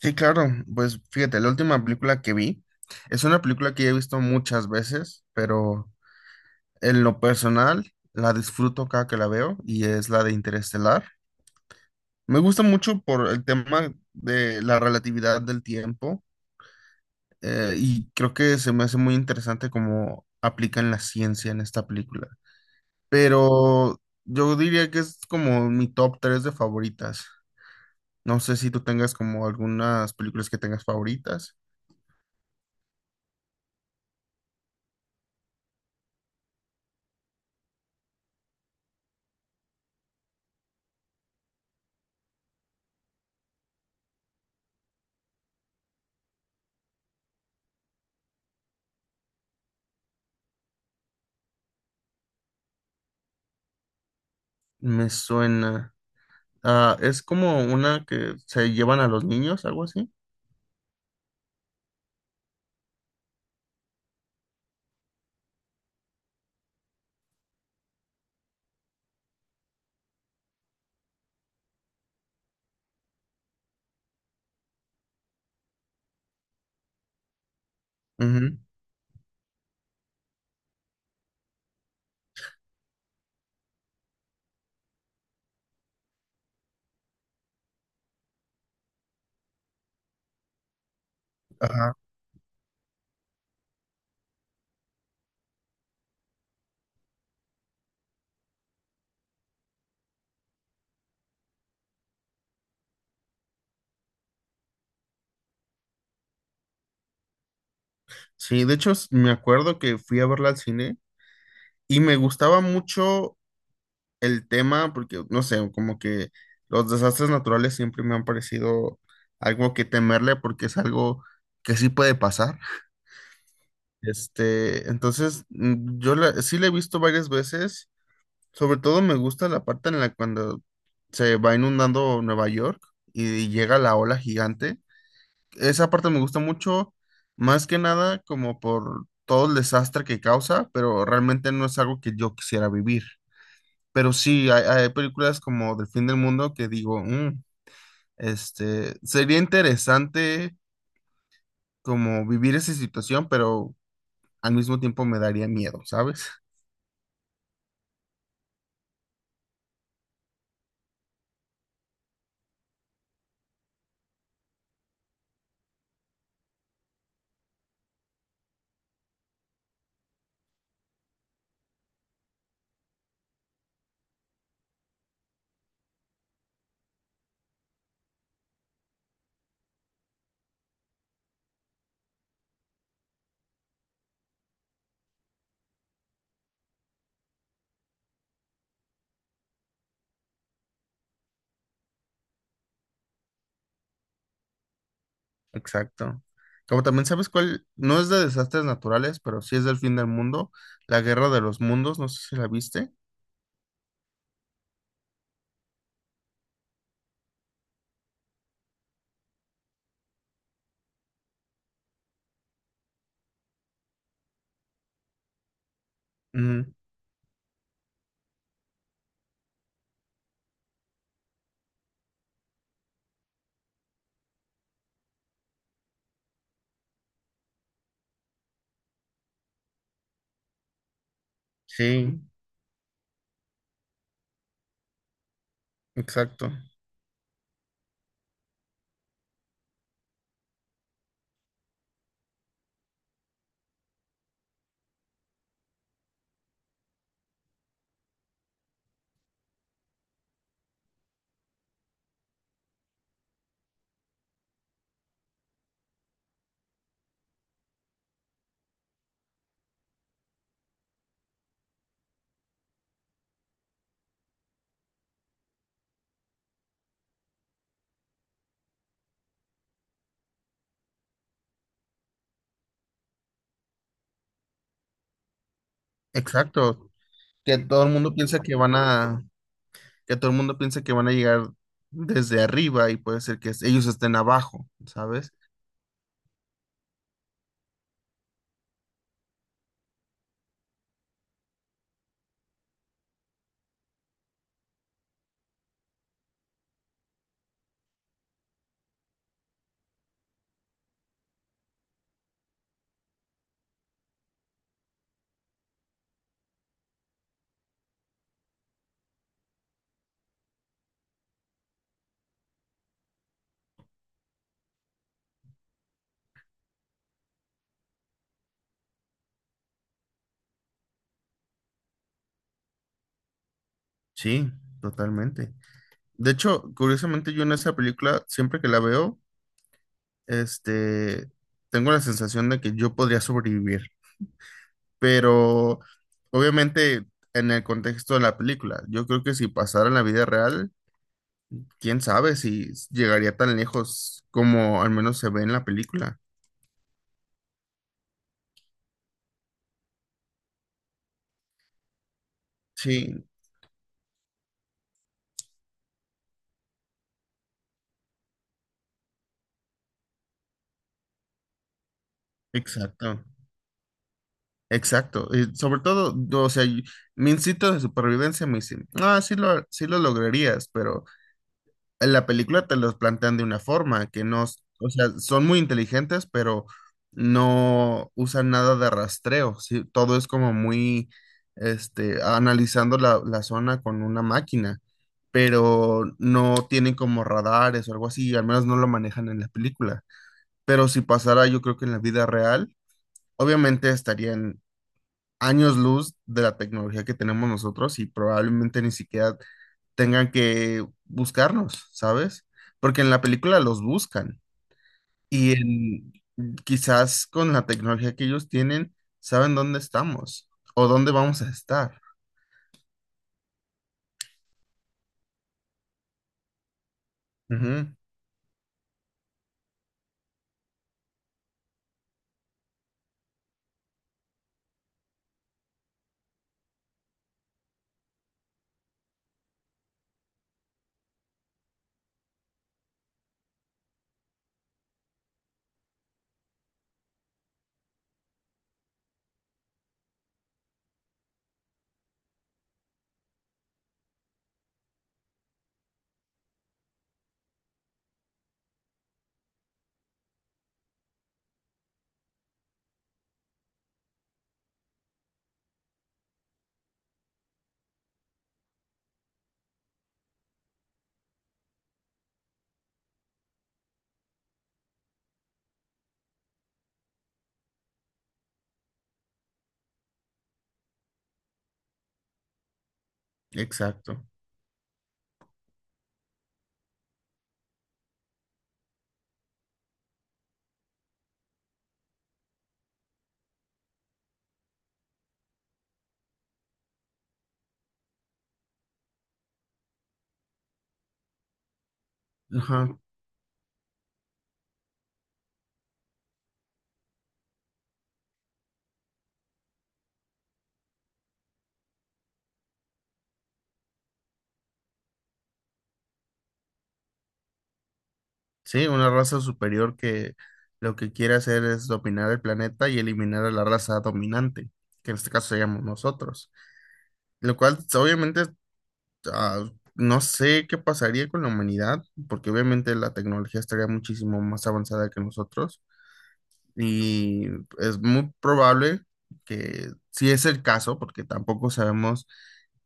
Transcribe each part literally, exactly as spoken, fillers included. Sí, claro. Pues fíjate, la última película que vi es una película que ya he visto muchas veces, pero en lo personal la disfruto cada que la veo y es la de Interestelar. Me gusta mucho por el tema de la relatividad del tiempo eh, y creo que se me hace muy interesante cómo aplican la ciencia en esta película. Pero yo diría que es como mi top tres de favoritas. No sé si tú tengas como algunas películas que tengas favoritas. Me suena. Ah, es como una que se llevan a los niños, algo así. Ujú. Ajá. Sí, de hecho s- me acuerdo que fui a verla al cine y me gustaba mucho el tema, porque no sé, como que los desastres naturales siempre me han parecido algo que temerle, porque es algo que sí puede pasar. Este, entonces, mm, yo la- sí la he visto varias veces, sobre todo me gusta la parte en la cuando se va inundando Nueva York y llega la ola gigante. Esa parte me gusta mucho, más que nada como por todo el desastre que causa, pero realmente no es algo que yo quisiera vivir. Pero sí, hay, hay películas como Del fin del mundo que digo, "Mm, este, sería interesante como vivir esa situación, pero al mismo tiempo me daría miedo, ¿sabes?" Exacto. Como también sabes cuál, no es de desastres naturales, pero sí es del fin del mundo, La Guerra de los Mundos, no sé si la viste. Ujú, sí, exacto. Exacto. Que todo el mundo piensa que van a, que todo el mundo piensa que van a llegar desde arriba y puede ser que ellos estén abajo, ¿sabes? Sí, totalmente. De hecho, curiosamente yo en esa película, siempre que la veo, este, tengo la sensación de que yo podría sobrevivir, pero obviamente en el contexto de la película, yo creo que si pasara en la vida real, quién sabe si llegaría tan lejos como al menos se ve en la película. Sí, exacto. Exacto. Y sobre todo, yo, o sea, y- mi instinto de supervivencia me dice, ah, sí lo, sí lo lograrías, pero en la película te los plantean de una forma que no, s- o sea, son muy inteligentes, pero no usan nada de rastreo, ¿sí? Todo es como muy, este, analizando la, la zona con una máquina, pero no tienen como radares o algo así, al menos no lo manejan en la película. Pero si pasara, yo creo que en la vida real, obviamente estarían años luz de la tecnología que tenemos nosotros y probablemente ni siquiera tengan que buscarnos, ¿sabes? Porque en la película los buscan y en, quizás con la tecnología que ellos tienen, saben dónde estamos o dónde vamos a estar. Ujú. Exacto. Ajá. Sí, una raza superior que lo que quiere hacer es dominar el planeta y eliminar a la raza dominante, que en este caso seríamos nosotros. Lo cual, obviamente, ah, no sé qué pasaría con la humanidad, porque obviamente la tecnología estaría muchísimo más avanzada que nosotros y es muy probable que, si es el caso, porque tampoco sabemos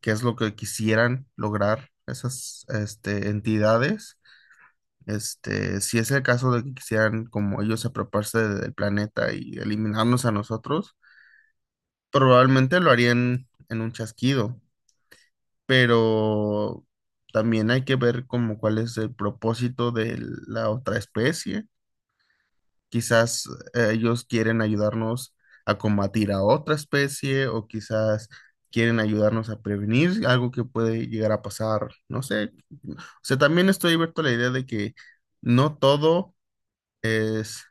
qué es lo que quisieran lograr esas este, entidades, este, si es el caso de que quisieran como ellos apropiarse del planeta y eliminarnos a nosotros, probablemente lo harían en un chasquido. Pero también hay que ver como cuál es el propósito de la otra especie. Quizás eh, ellos quieren ayudarnos a combatir a otra especie, o quizás quieren ayudarnos a prevenir algo que puede llegar a pasar, no sé. O sea, también estoy abierto a la idea de que no todo es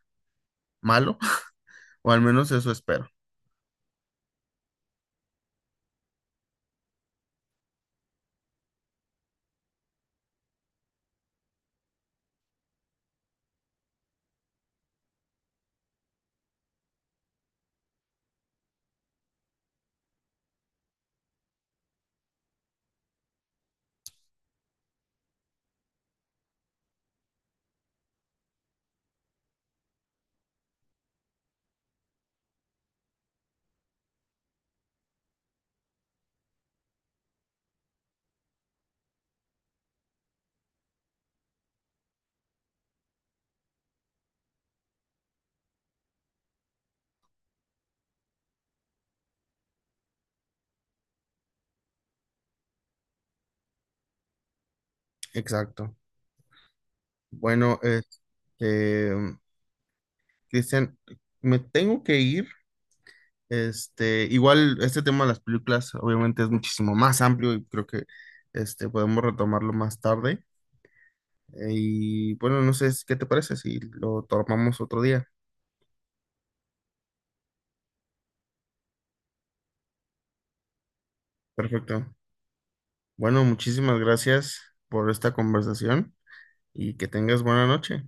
malo, o al menos eso espero. Exacto. Bueno, este, Cristian, me tengo que ir. Este, igual este tema de las películas obviamente es muchísimo más amplio y creo que este, podemos retomarlo más tarde. Eh, Y bueno, no sé es- qué te parece si lo tomamos otro día. Perfecto. Bueno, muchísimas gracias por esta conversación y que tengas buena noche.